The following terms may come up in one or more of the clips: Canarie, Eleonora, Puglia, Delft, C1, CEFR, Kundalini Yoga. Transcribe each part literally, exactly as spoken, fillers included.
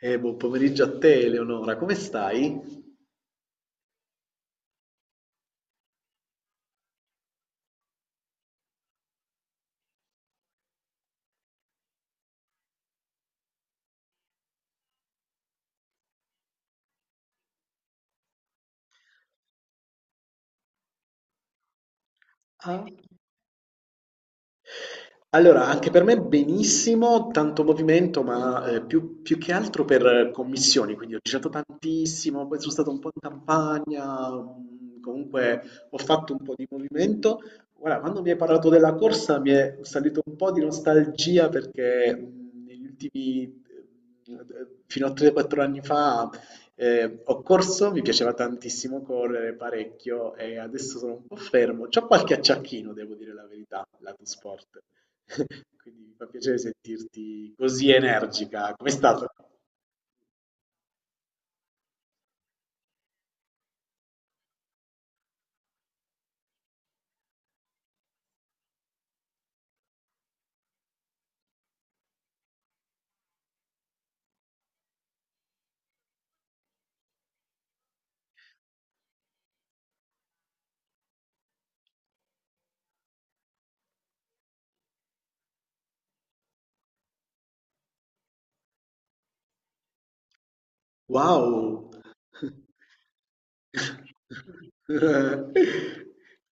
Eh, buon pomeriggio a te, Eleonora, come stai? Ah. Allora, anche per me benissimo, tanto movimento, ma eh, più, più che altro per eh, commissioni, quindi ho girato tantissimo, poi sono stato un po' in campagna, mm, comunque ho fatto un po' di movimento. Guarda, quando mi hai parlato della corsa mi è salito un po' di nostalgia perché mm, negli ultimi, eh, fino a tre quattro anni fa, eh, ho corso, mi piaceva tantissimo correre parecchio e adesso sono un po' fermo. C'ho qualche acciacchino, devo dire la verità, lato sport. Quindi mi fa piacere sentirti così energica. Com'è stato? Wow!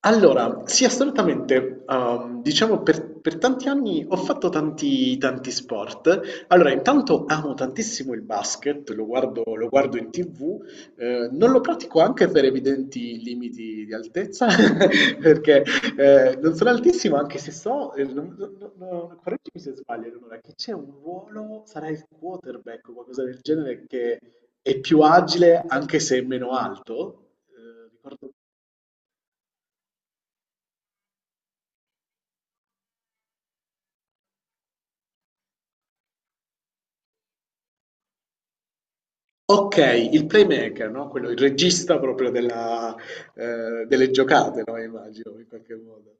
Allora, sì, assolutamente. Ehm, diciamo per, per tanti anni ho fatto tanti, tanti sport. Allora, intanto amo tantissimo il basket, lo guardo, lo guardo in tivù, eh, non lo pratico anche per evidenti limiti di altezza, perché eh, non sono altissimo, anche se so, eh, non- non- non- non- correggimi se sbaglio, Eleonora, che c'è un ruolo, sarà il quarterback o qualcosa del genere, che è più agile anche se è meno alto. Eh, ricordo. Ok, il playmaker, no? Quello, il regista proprio della, eh, delle giocate, no? Immagino, in qualche modo.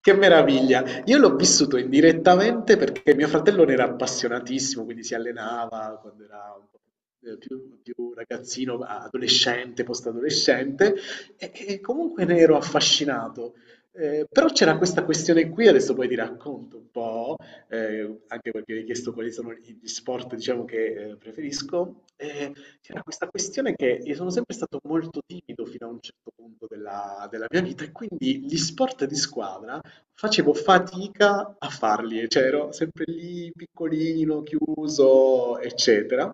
Che meraviglia! Io l'ho vissuto indirettamente perché mio fratello ne era appassionatissimo, quindi si allenava quando era un po' più, più- più ragazzino, adolescente, post-adolescente, e, e comunque ne ero affascinato. Eh, però c'era questa questione qui, adesso poi ti racconto un po', eh, anche perché mi hai chiesto quali sono gli gli sport, diciamo, che eh, preferisco. Eh, c'era questa questione che io sono sempre stato molto timido fino a un certo punto della della mia vita e quindi gli sport di squadra facevo fatica a farli, cioè ero sempre lì piccolino, chiuso, eccetera,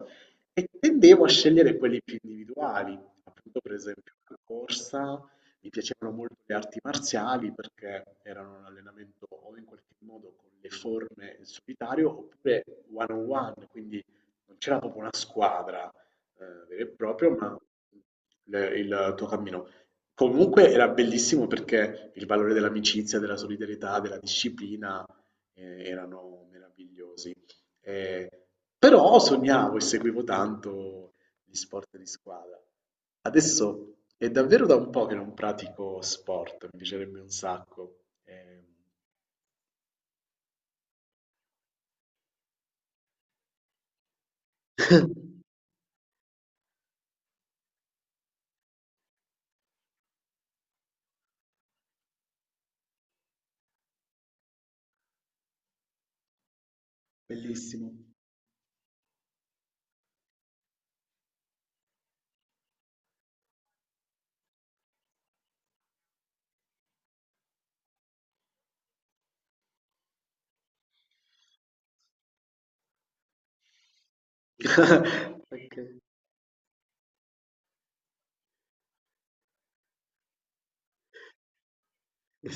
e tendevo a scegliere quelli più individuali, appunto per esempio la corsa, mi piacevano molto le arti marziali perché erano un allenamento o in qualche modo con le forme in solitario oppure one on one, quindi non c'era proprio una squadra eh, vera e propria, ma le- il tuo cammino comunque era bellissimo perché il valore dell'amicizia, della solidarietà, della disciplina eh, erano meravigliosi. Eh, Però sognavo e seguivo tanto gli sport di squadra. Adesso è davvero da un po' che non pratico sport, mi piacerebbe un sacco. Eh, bellissimo. Ok,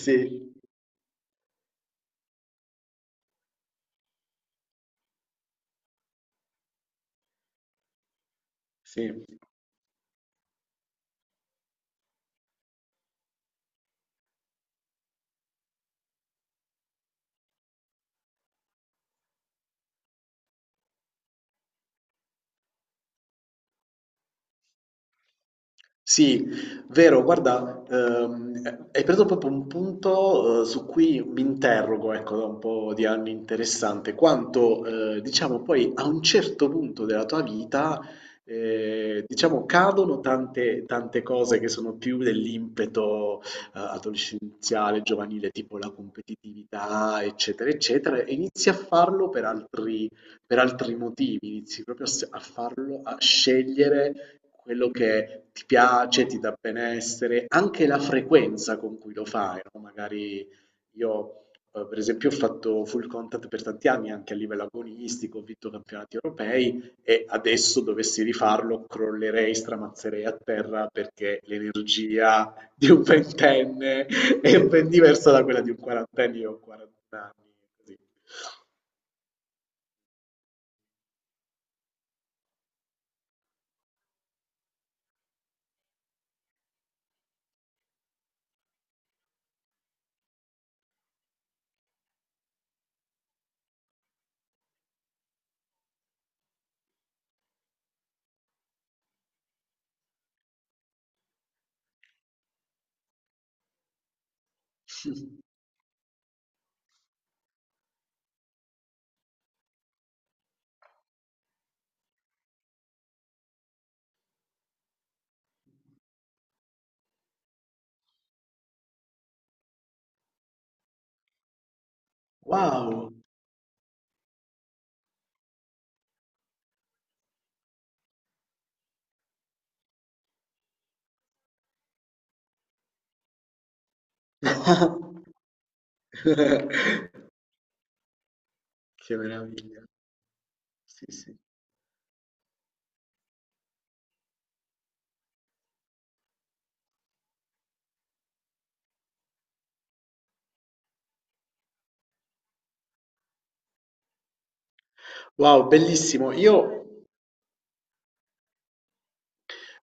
sì, sì. Sì, vero, guarda, ehm, hai preso proprio un punto, eh, su cui mi interrogo, ecco, da un po' di anni interessante, quanto, eh, diciamo, poi a un certo punto della tua vita, eh, diciamo, cadono tante, tante cose che sono più dell'impeto, eh, adolescenziale, giovanile, tipo la competitività, eccetera, eccetera, e inizi a farlo per altri, per altri motivi, inizi proprio a s- a farlo, a scegliere quello che ti piace, ti dà benessere, anche la frequenza con cui lo fai, no? Magari io, eh, per esempio, ho fatto full contact per tanti anni anche a livello agonistico, ho vinto campionati europei e adesso dovessi rifarlo, crollerei, stramazzerei a terra perché l'energia di un ventenne è ben diversa da quella di un quarantenne, io ho quaranta anni, così. Wow! Che meraviglia. Sì, sì. Wow, bellissimo. Io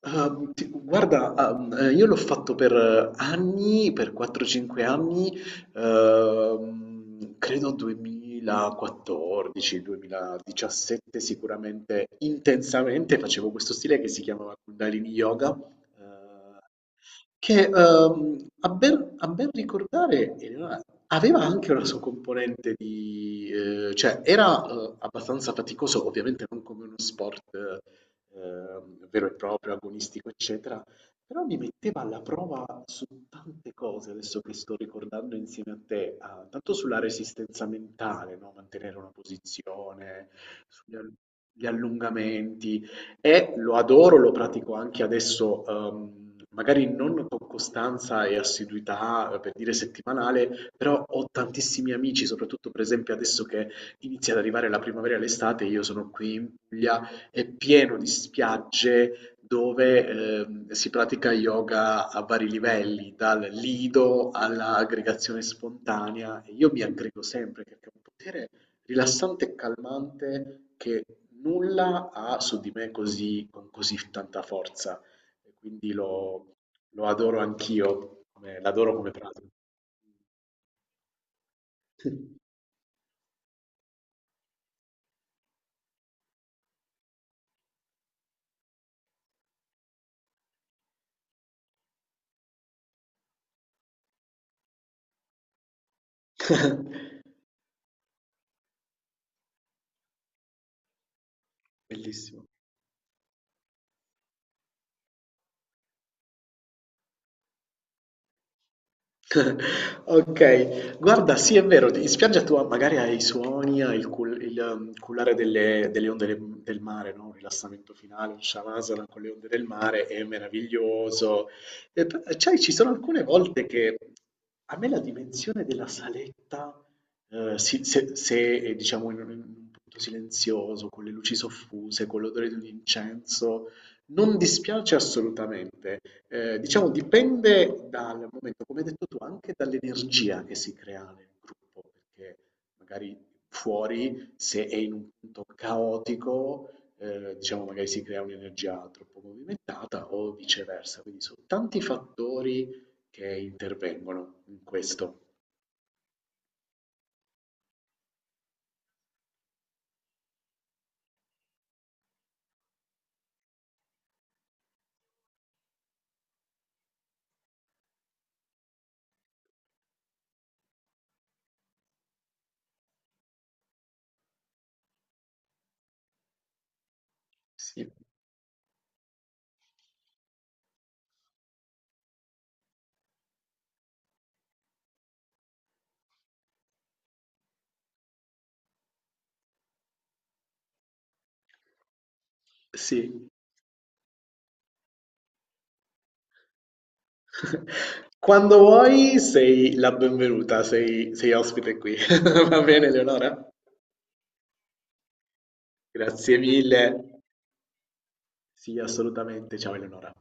Ehm, ti- guarda, ehm, eh, io l'ho fatto per eh, anni, per quattro cinque anni, ehm, credo duemilaquattordici, duemiladiciassette sicuramente intensamente facevo questo stile che si chiamava Kundalini Yoga, eh, che ehm, a ben, a ben ricordare era- aveva anche una sua componente di eh, cioè era eh, abbastanza faticoso, ovviamente non come uno sport eh, ehm, vero e proprio, agonistico, eccetera, però mi metteva alla prova su tante cose, adesso che sto ricordando insieme a te, ah, tanto sulla resistenza mentale, no? Mantenere una posizione, sugli all- gli allungamenti, e lo adoro, lo pratico anche adesso, ehm, magari non con costanza e assiduità, eh, per dire settimanale, però ho tantissimi amici, soprattutto per esempio adesso che inizia ad arrivare la primavera e l'estate, io sono qui in Puglia, è pieno di spiagge dove, ehm, si pratica yoga a vari livelli, dal lido all'aggregazione spontanea. E io mi aggrego sempre perché è un potere rilassante e calmante che nulla ha su di me così, con così tanta forza. E quindi lo, lo adoro anch'io, come- l'adoro come pratica. Bellissimo. Okay, guarda, sì è vero, d in spiaggia tu magari hai i suoni, hai il cul il mhmm, cullare delle delle onde de del mare, no, un rilassamento finale, un shavasana con le onde del mare è meraviglioso. E p sai ci sono alcune volte che a me la dimensione della saletta, ehm, si se se è diciamo in un in un punto silenzioso, con le luci soffuse, con l'odore di un incenso, non dispiace assolutamente, ehm, diciamo dipende dal momento, come hai detto tu, anche dall'energia che si crea nel gruppo, perché magari fuori, se è in un punto caotico, ehm, diciamo magari si crea un'energia troppo movimentata o viceversa, quindi sono tanti fattori che intervengono in questo. Sì. Sì. Quando vuoi sei la benvenuta, sei, sei ospite qui. Va bene, Leonora? Grazie mille. Sì, assolutamente. Ciao Eleonora.